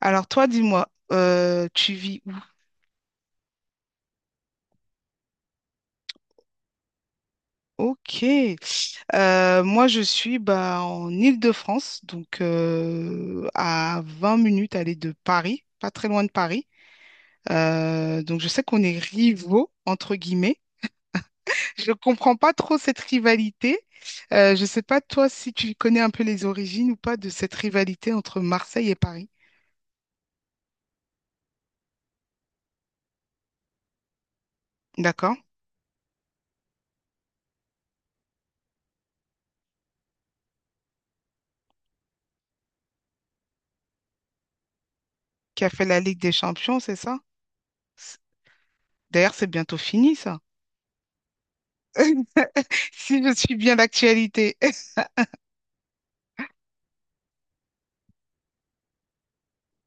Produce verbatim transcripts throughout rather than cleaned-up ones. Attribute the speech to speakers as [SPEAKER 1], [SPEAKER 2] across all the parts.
[SPEAKER 1] Alors toi, dis-moi, euh, tu vis où? Ok. Euh, moi, je suis bah, en Île-de-France, donc euh, à vingt minutes aller de Paris, pas très loin de Paris. Euh, donc je sais qu'on est rivaux, entre guillemets. Je comprends pas trop cette rivalité. Euh, je sais pas toi si tu connais un peu les origines ou pas de cette rivalité entre Marseille et Paris. D'accord? Qui a fait la Ligue des Champions, c'est ça? C- D'ailleurs, c'est bientôt fini, ça. Si je suis bien d'actualité.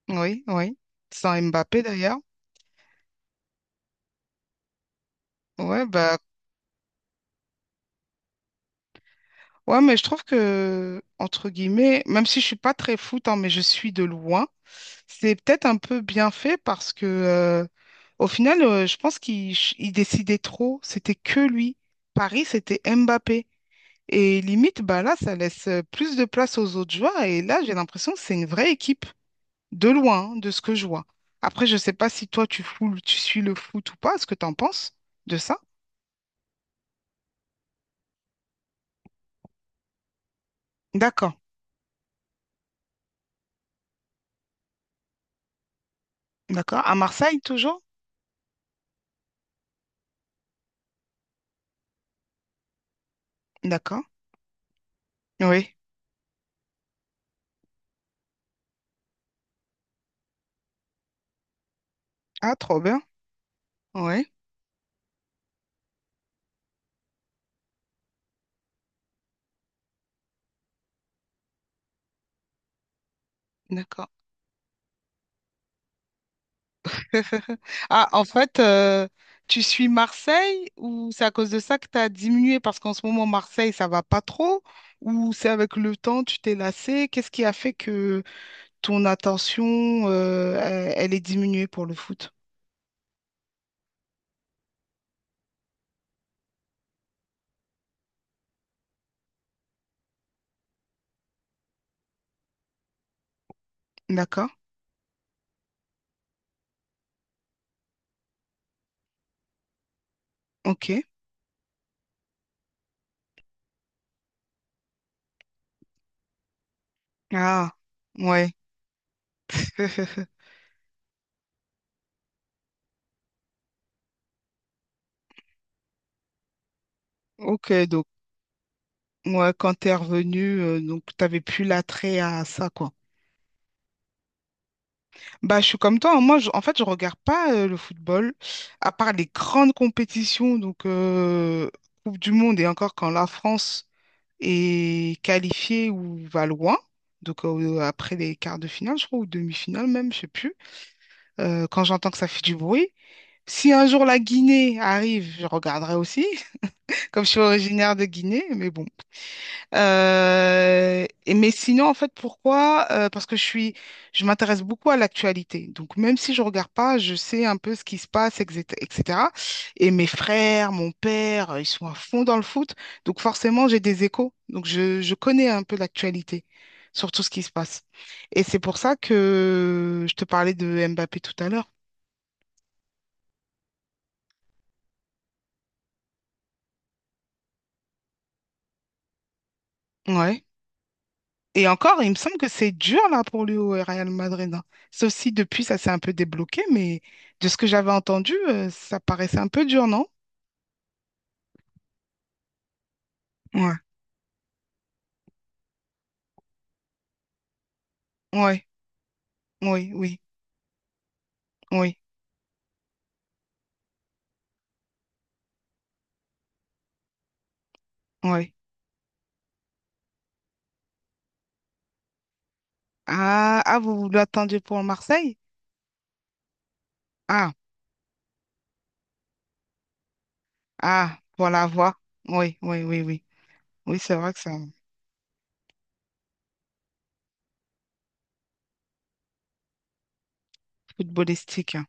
[SPEAKER 1] Oui, oui. sans Mbappé d'ailleurs. Ouais, bah, ouais, mais je trouve que, entre guillemets, même si je suis pas très foot, hein, mais je suis de loin, c'est peut-être un peu bien fait parce que, euh, au final, euh, je pense qu'il ch- il décidait trop. C'était que lui. Paris, c'était Mbappé. Et limite, bah là, ça laisse euh, plus de place aux autres joueurs. Et là, j'ai l'impression que c'est une vraie équipe, de loin, hein, de ce que je vois. Après, je sais pas si toi, tu fous, tu suis le foot ou pas. Est-ce que tu en penses de ça? D'accord. D'accord. À Marseille, toujours? D'accord. Oui. Ah, trop bien. Oui. D'accord. Ah, en fait, euh, tu suis Marseille ou c'est à cause de ça que tu as diminué parce qu'en ce moment, Marseille, ça va pas trop? Ou c'est avec le temps, tu t'es lassé? Qu'est-ce qui a fait que ton attention, euh, elle elle est diminuée pour le foot? D'accord. OK. Ah, ouais. OK. Donc, ouais, quand tu es revenu, euh, donc, tu n'avais plus l'attrait à ça, quoi. Bah, je suis comme toi, hein. Moi, je- en fait, je regarde pas euh, le football, à part les grandes compétitions, donc euh, Coupe du Monde et encore quand la France est qualifiée ou va loin. Donc euh, après les quarts de finale, je crois, ou demi-finale même, je sais plus. Euh, quand j'entends que ça fait du bruit. Si un jour la Guinée arrive, je regarderai aussi, comme je suis originaire de Guinée, mais bon. Euh, et, mais sinon, en fait, pourquoi? Euh, parce que je suis, je m'intéresse beaucoup à l'actualité. Donc, même si je regarde pas, je sais un peu ce qui se passe, et cetera et cetera. Et mes frères, mon père, euh, ils sont à fond dans le foot. Donc, forcément, j'ai des échos. Donc, je, je connais un peu l'actualité sur tout ce qui se passe. Et c'est pour ça que je te parlais de Mbappé tout à l'heure. Ouais. Et encore, il me semble que c'est dur là pour lui au Real Madrid, hein. Sauf si depuis ça s'est un peu débloqué, mais de ce que j'avais entendu, euh, ça paraissait un peu dur, non? Ouais, ouais, oui, oui, oui, oui. Ah, ah, vous vous l'attendiez pour Marseille? Ah, ah, pour la voix. Oui, oui, oui, oui. Oui, c'est vrai que c'est un footballistique, hein.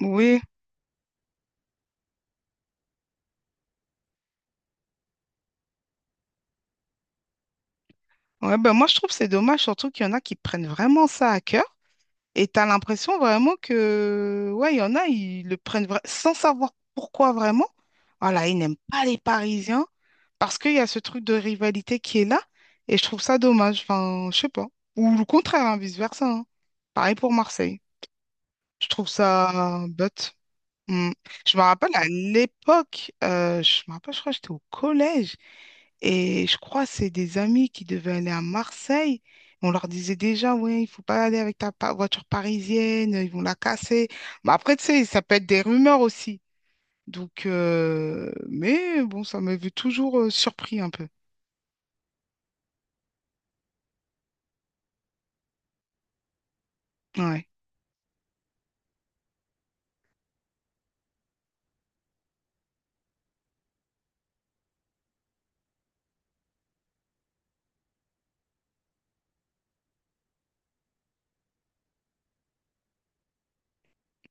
[SPEAKER 1] Oui, ouais, ben moi je trouve que c'est dommage, surtout qu'il y en a qui prennent vraiment ça à cœur. Et t'as l'impression vraiment que, ouais, il y en a, ils le prennent vra- sans savoir pourquoi vraiment. Voilà, ils n'aiment pas les Parisiens parce qu'il y a ce truc de rivalité qui est là. Et je trouve ça dommage. Enfin, je sais pas. Ou le contraire, hein, vice-versa, hein. Pareil pour Marseille. Je trouve ça bête. Mm. Je me rappelle à l'époque, euh, je me rappelle, je crois que j'étais au collège. Et je crois que c'est des amis qui devaient aller à Marseille. On leur disait déjà, ouais, il faut pas aller avec ta pa- voiture parisienne, ils vont la casser. Mais après, tu sais, ça peut être des rumeurs aussi. Donc, euh, mais bon, ça m'avait toujours euh, surpris un peu. Ouais,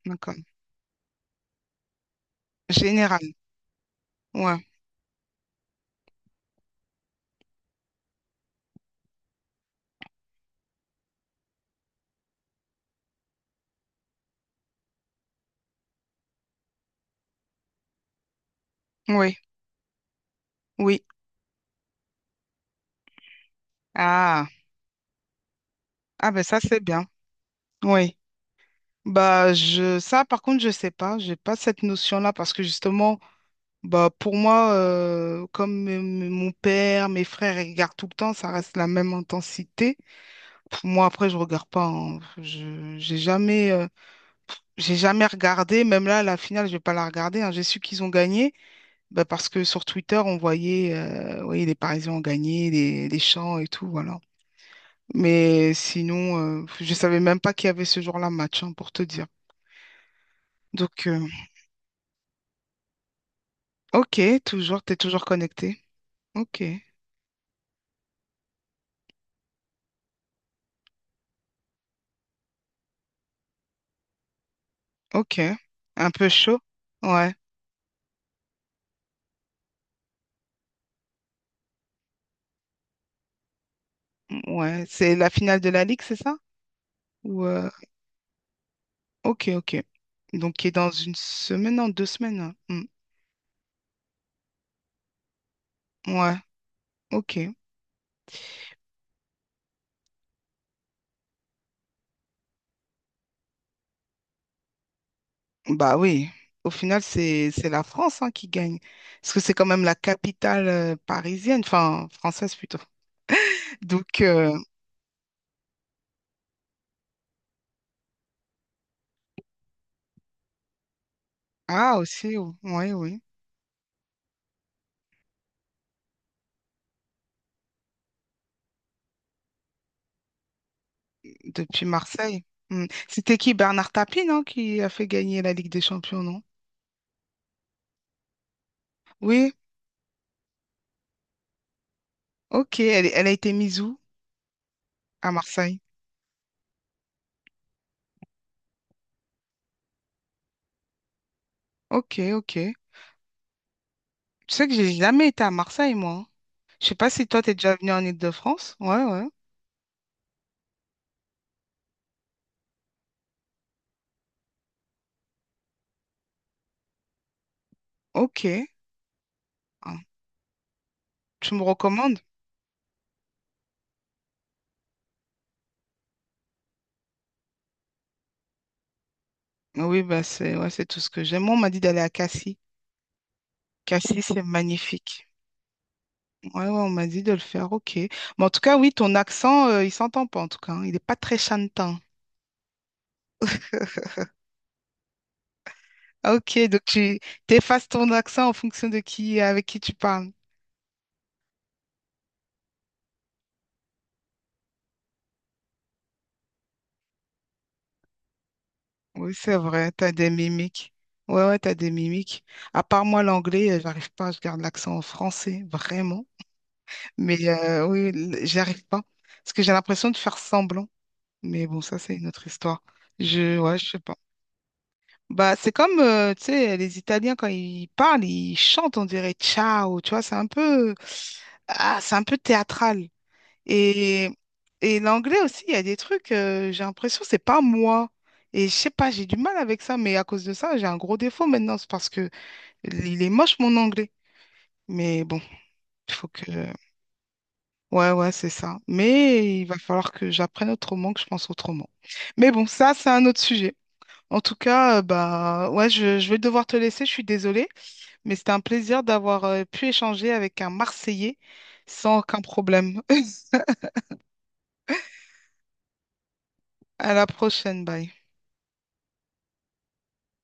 [SPEAKER 1] d'accord. Général. Ouais, oui, oui. Ah, ah ben ça, c'est bien. Oui. Bah, je, ça, par contre, je sais pas. J'ai pas cette notion-là parce que justement, bah, pour moi, euh, comme euh, m- mon père, mes frères ils regardent tout le temps, ça reste la même intensité. Pour moi, après, je regarde pas, hein. Je, j'ai jamais, euh, j'ai jamais regardé. Même là, la finale, je vais pas la regarder, hein. J'ai su qu'ils ont gagné bah, parce que sur Twitter, on voyait, euh, oui, les Parisiens ont gagné, les, les chants et tout, voilà. Mais sinon, euh, je savais même pas qu'il y avait ce jour-là match, hein, pour te dire. Donc, euh, ok, toujours, t'es toujours connecté. Ok, ok, un peu chaud. Ouais. Ouais, c'est la finale de la Ligue, c'est ça? Ou euh, Ok, ok. Donc, qui est dans une semaine, non, deux semaines, hein. Hmm. Ouais, ok. Bah oui. Au final, c'est c'est la France hein, qui gagne. Parce que c'est quand même la capitale euh, parisienne, enfin française plutôt. Donc, euh, ah aussi, oui, oui. Depuis Marseille. Hmm. C'était qui? Bernard Tapie, non, qui a fait gagner la Ligue des Champions, non? Oui, ok. Elle, elle a été mise où? À Marseille. Ok, ok. Tu sais que j'ai jamais été à Marseille, moi, hein. Je sais pas si toi, t'es déjà venu en Île-de-France. Ouais, ouais. Ok. Ah, Tu me recommandes? Oui, bah c'est ouais, c'est tout ce que j'aime. Moi, on m'a dit d'aller à Cassis. Cassis, c'est magnifique. Ouais, ouais, on m'a dit de le faire. Ok. Mais en tout cas, oui, ton accent, euh, il s'entend pas, en tout cas, hein. Il n'est pas très chantant. Ah, Ok, donc tu t'effaces ton accent en fonction de qui, avec qui tu parles. Oui, c'est vrai, t'as des mimiques. Ouais, ouais, t'as des mimiques. À part moi, l'anglais, euh, j'arrive pas, je garde l'accent en français, vraiment. Mais euh, oui, l- j'y arrive pas. Parce que j'ai l'impression de faire semblant. Mais bon, ça, c'est une autre histoire. Je, ouais, je sais pas. Bah, c'est comme, euh, tu sais, les Italiens, quand ils parlent, ils chantent, on dirait ciao, tu vois, c'est un peu, ah, c'est un peu théâtral. Et, et l'anglais aussi, il y a des trucs, euh, j'ai l'impression, c'est pas moi. Et je sais pas, j'ai du mal avec ça, mais à cause de ça, j'ai un gros défaut maintenant, c'est parce que il est moche, mon anglais. Mais bon, il faut que, Ouais, ouais, c'est ça. Mais il va falloir que j'apprenne autrement, que je pense autrement. Mais bon, ça, c'est un autre sujet. En tout cas, euh, bah, ouais, je, je vais devoir te laisser, je suis désolée, mais c'était un plaisir d'avoir euh, pu échanger avec un Marseillais sans aucun problème. À la prochaine, bye.